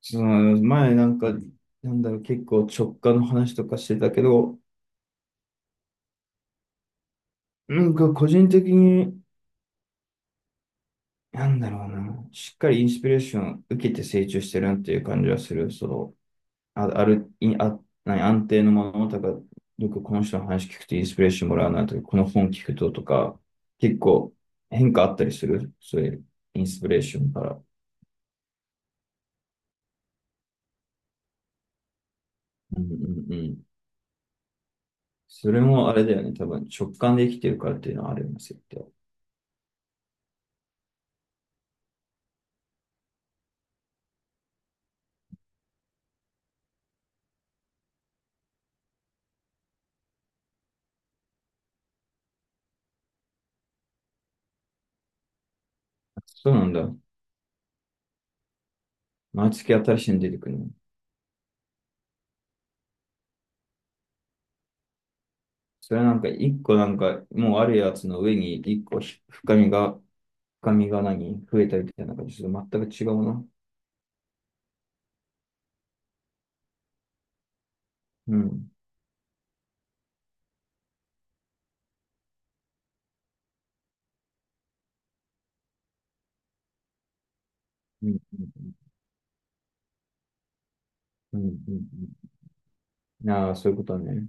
そう、前結構直感の話とかしてたけど、個人的に、なんだろうな、しっかりインスピレーション受けて成長してるなっていう感じはする。その、あ、ある、いあ、何、安定のものとか、よくこの人の話聞くとインスピレーションもらうなとか、この本聞くととか、結構変化あったりする。そういうインスピレーションから。うんうんうん。それもあれだよね。多分直感で生きてるからっていうのはあるんですよ。そうなんだ。毎月新しいの出てくるの。それ一個もうあるやつの上に一個深みが、深みが増えたみたいな感じ。ちょっと全く違うな。うん。うん。うん。うん。うん、ああー、そういうことね。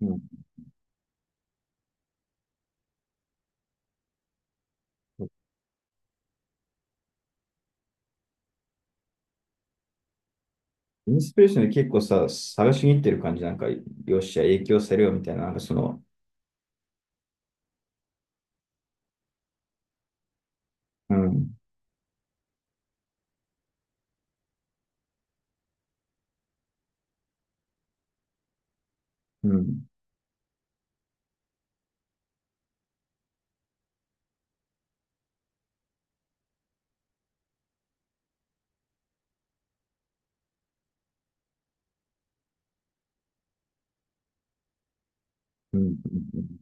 うん。インスピレーションで結構さ、探しに行ってる感じ。よっしゃ、影響されよみたいな。うん。うん。うん。うんうん、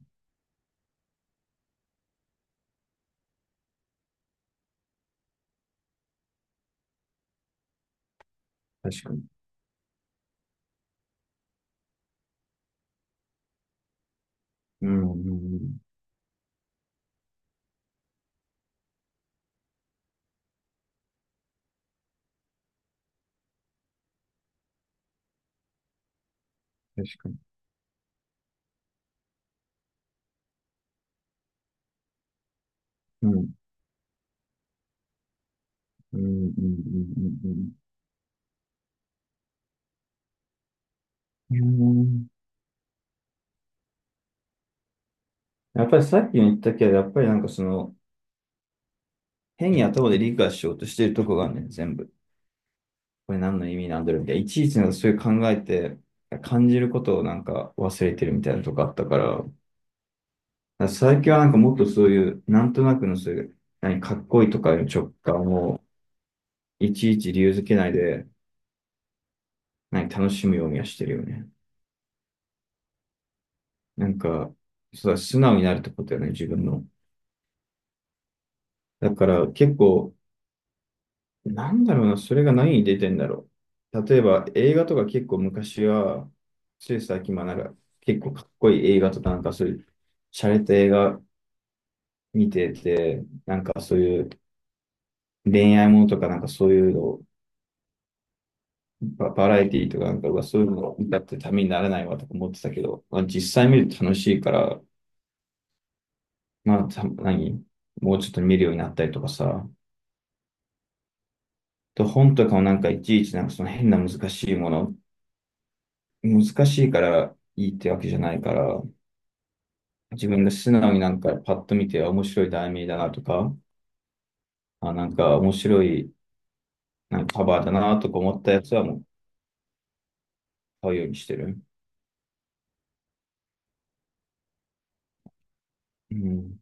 確かに。うん。うんうん、確かに。うん。うん。うん。うん。うん。うん、やっぱりさっきも言ったけど、やっぱりなんかその、変に頭で理解しようとしているとこがあるね、全部。これ何の意味なんだろうみたいな。いちいちそういう考えて、感じることを忘れてるみたいなとこあったから、だから最近はもっとそういう、なんとなくのそういう、かっこいいとかいう直感を、いちいち理由づけないで、楽しむようにはしてるよね。なんか、そうだ、素直になるってことよね、自分の。だから結構、なんだろうな、それが何に出てんだろう。例えば映画とか結構昔は、つい最近まなんか結構かっこいい映画とかそういう、洒落た映画見てて、なんかそういう恋愛ものとかなんかそういうの、バラエティーとかうわそういうの見たってためにならないわとか思ってたけど、まあ、実際見ると楽しいから、まあた、何もうちょっと見るようになったりとかさ、と本とかもなんかいちいちなんかその変な難しいもの、難しいからいいってわけじゃないから、自分が素直にパッと見て面白い題名だなとか、あ、面白いカバーだなとか思ったやつはもう買うようにしてる。うん、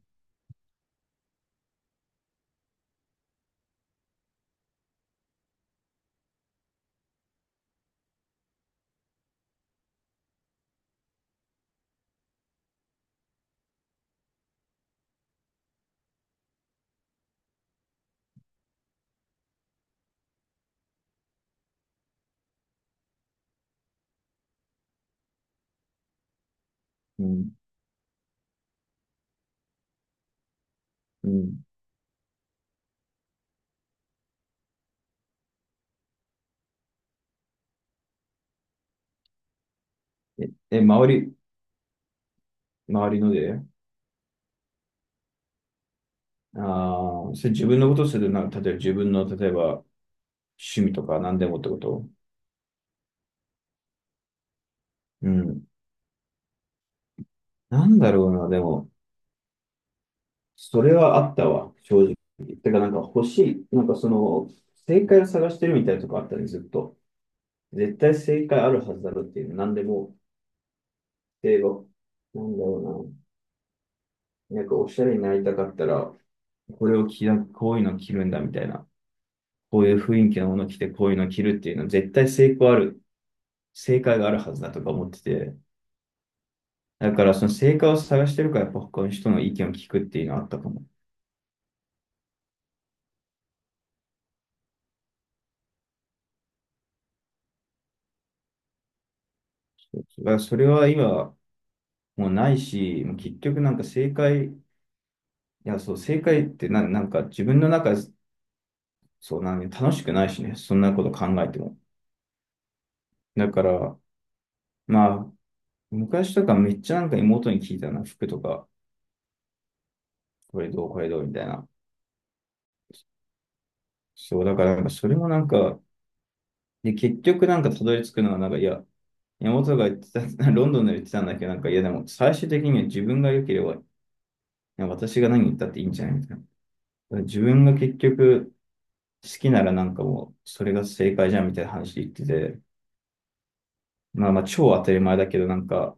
うん、うん。え、え、周り、周りので、ああ、それ自分のことするな、例えば自分の、例えば趣味とか何でもってこと。うん。なんだろうな、でも、それはあったわ、正直。てか、なんか欲しい、なんかその、正解を探してるみたいなとこあったね、ずっと。絶対正解あるはずだろうっていう、何でも例えば、なんだろおしゃれになりたかったら、これを着な、こういうの着るんだみたいな。こういう雰囲気のもの着て、こういうの着るっていうのは絶対成功ある、正解があるはずだとか思ってて。だからその正解を探してるから、やっぱ他の人の意見を聞くっていうのはあったかも。そだからそれは今、もうないし、もう結局なんか正解、いや、そう、正解ってな、なんか自分の中、そうなん楽しくないしね、そんなこと考えても。だから、まあ、昔とかめっちゃ妹に聞いたな、服とか、これどう、これどうみたいな。そう、だからなんかそれもなんか、で、結局たどり着くのはいや、妹が言ってた、ロンドンで言ってたんだけど、いやでも最終的には自分が良ければ、いや私が何言ったっていいんじゃないみたいな。だから自分が結局好きならもう、それが正解じゃんみたいな話で言ってて、まあまあ超当たり前だけど、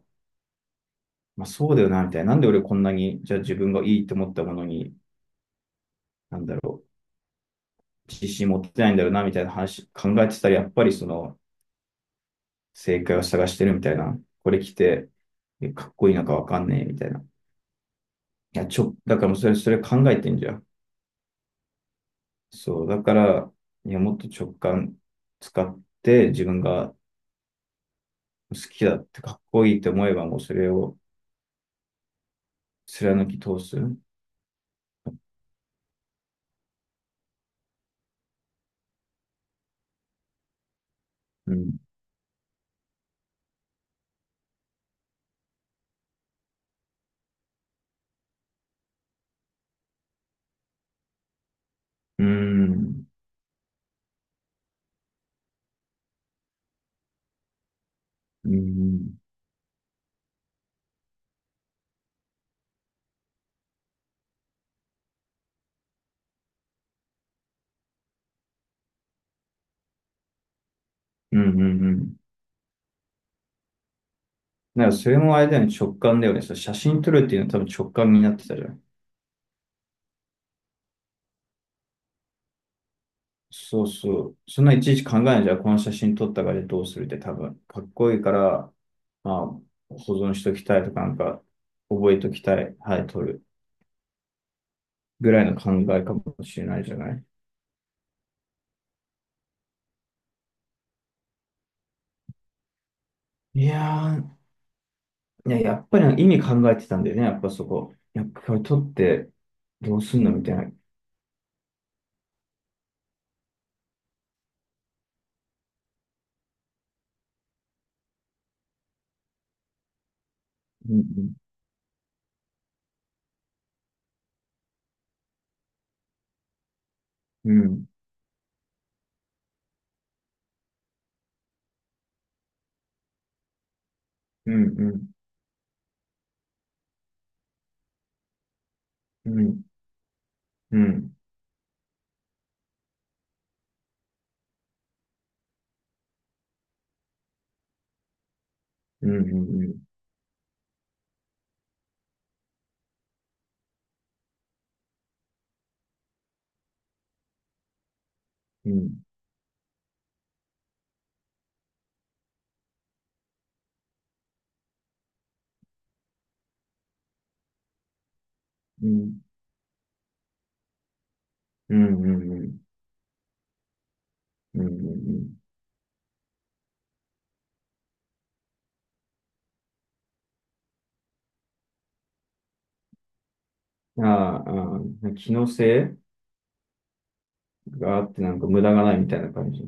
まあそうだよな、みたいな。なんで俺こんなに、じゃあ自分がいいと思ったものに、なんだろう。自信持ってないんだろうな、みたいな話考えてたら、やっぱりその、正解を探してるみたいな。これ着て、かっこいいのかわかんねえ、みたいな。だからもうそれ考えてんじゃん。そう、だから、いや、もっと直感使って、自分が好きだってかっこいいって思えば、もうそれを貫き通す。うん。うん。うん。うん。うん。うん。だからそれもあれだよね、直感だよね。その写真撮るっていうのは多分直感になってたじゃん。そうそう。そんないちいち考えないじゃん。この写真撮ったからどうするって多分。かっこいいから、まあ、保存しときたいとか、なんか、覚えときたい。はい、撮る。ぐらいの考えかもしれないじゃない。いやいや、やっぱり意味考えてたんだよね。やっぱそこ。やっぱこれ撮ってどうすんのみたいな。うん、うん、うん、うん、うん、うん、うん、うん、うん、うん、うん、うん、うん、うん、うん、うん、うん、ああ、あ機能性があってなんか無駄がないみたいな感じ。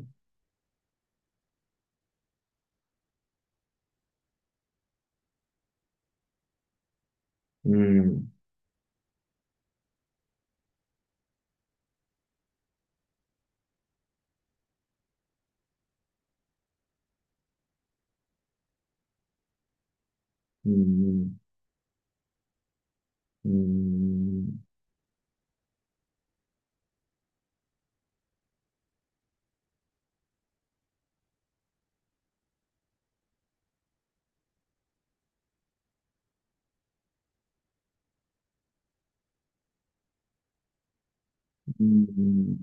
うん。うん。うん。うん。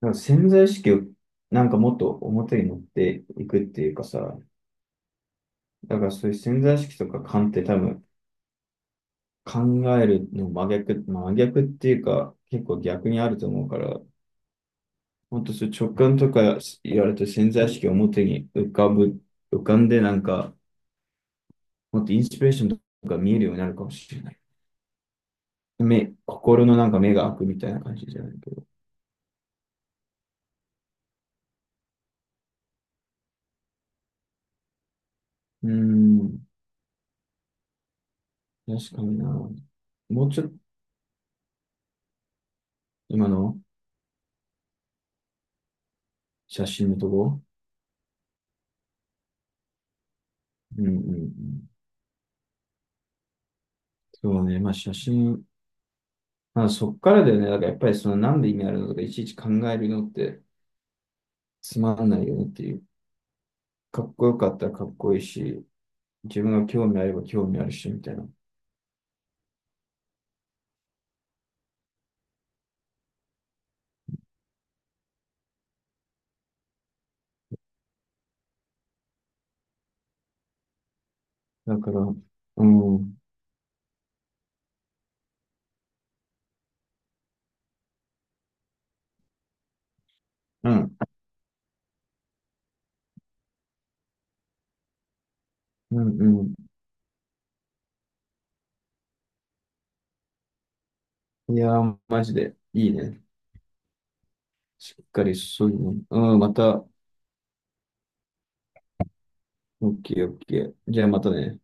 なんか潜在意識をなんかもっと表に持っていくっていうかさ、だからそういう潜在意識とか勘って多分考えるの真逆っていうか結構逆にあると思うから、ほんとそういう直感とか言われて潜在意識を表に浮かぶ、浮かんでなんかもっとインスピレーションとか見えるようになるかもしれない。目、心のなんか目が開くみたいな感じじゃないけど。うーん、確かにな。もうちょっと、今の写真のとこ。うんうんうん。そうね、まあ写真、まあそっからだよね、だからやっぱりそのなんで意味あるのとかいちいち考えるのってつまんないよねっていう。かっこよかったらかっこいいし、自分が興味あれば興味あるし、みたいな。だから、うん、うん、うん、うん。いやー、マジでいいね。しっかりそういうの。うん、また、オッケーオッケー。じゃあまたね。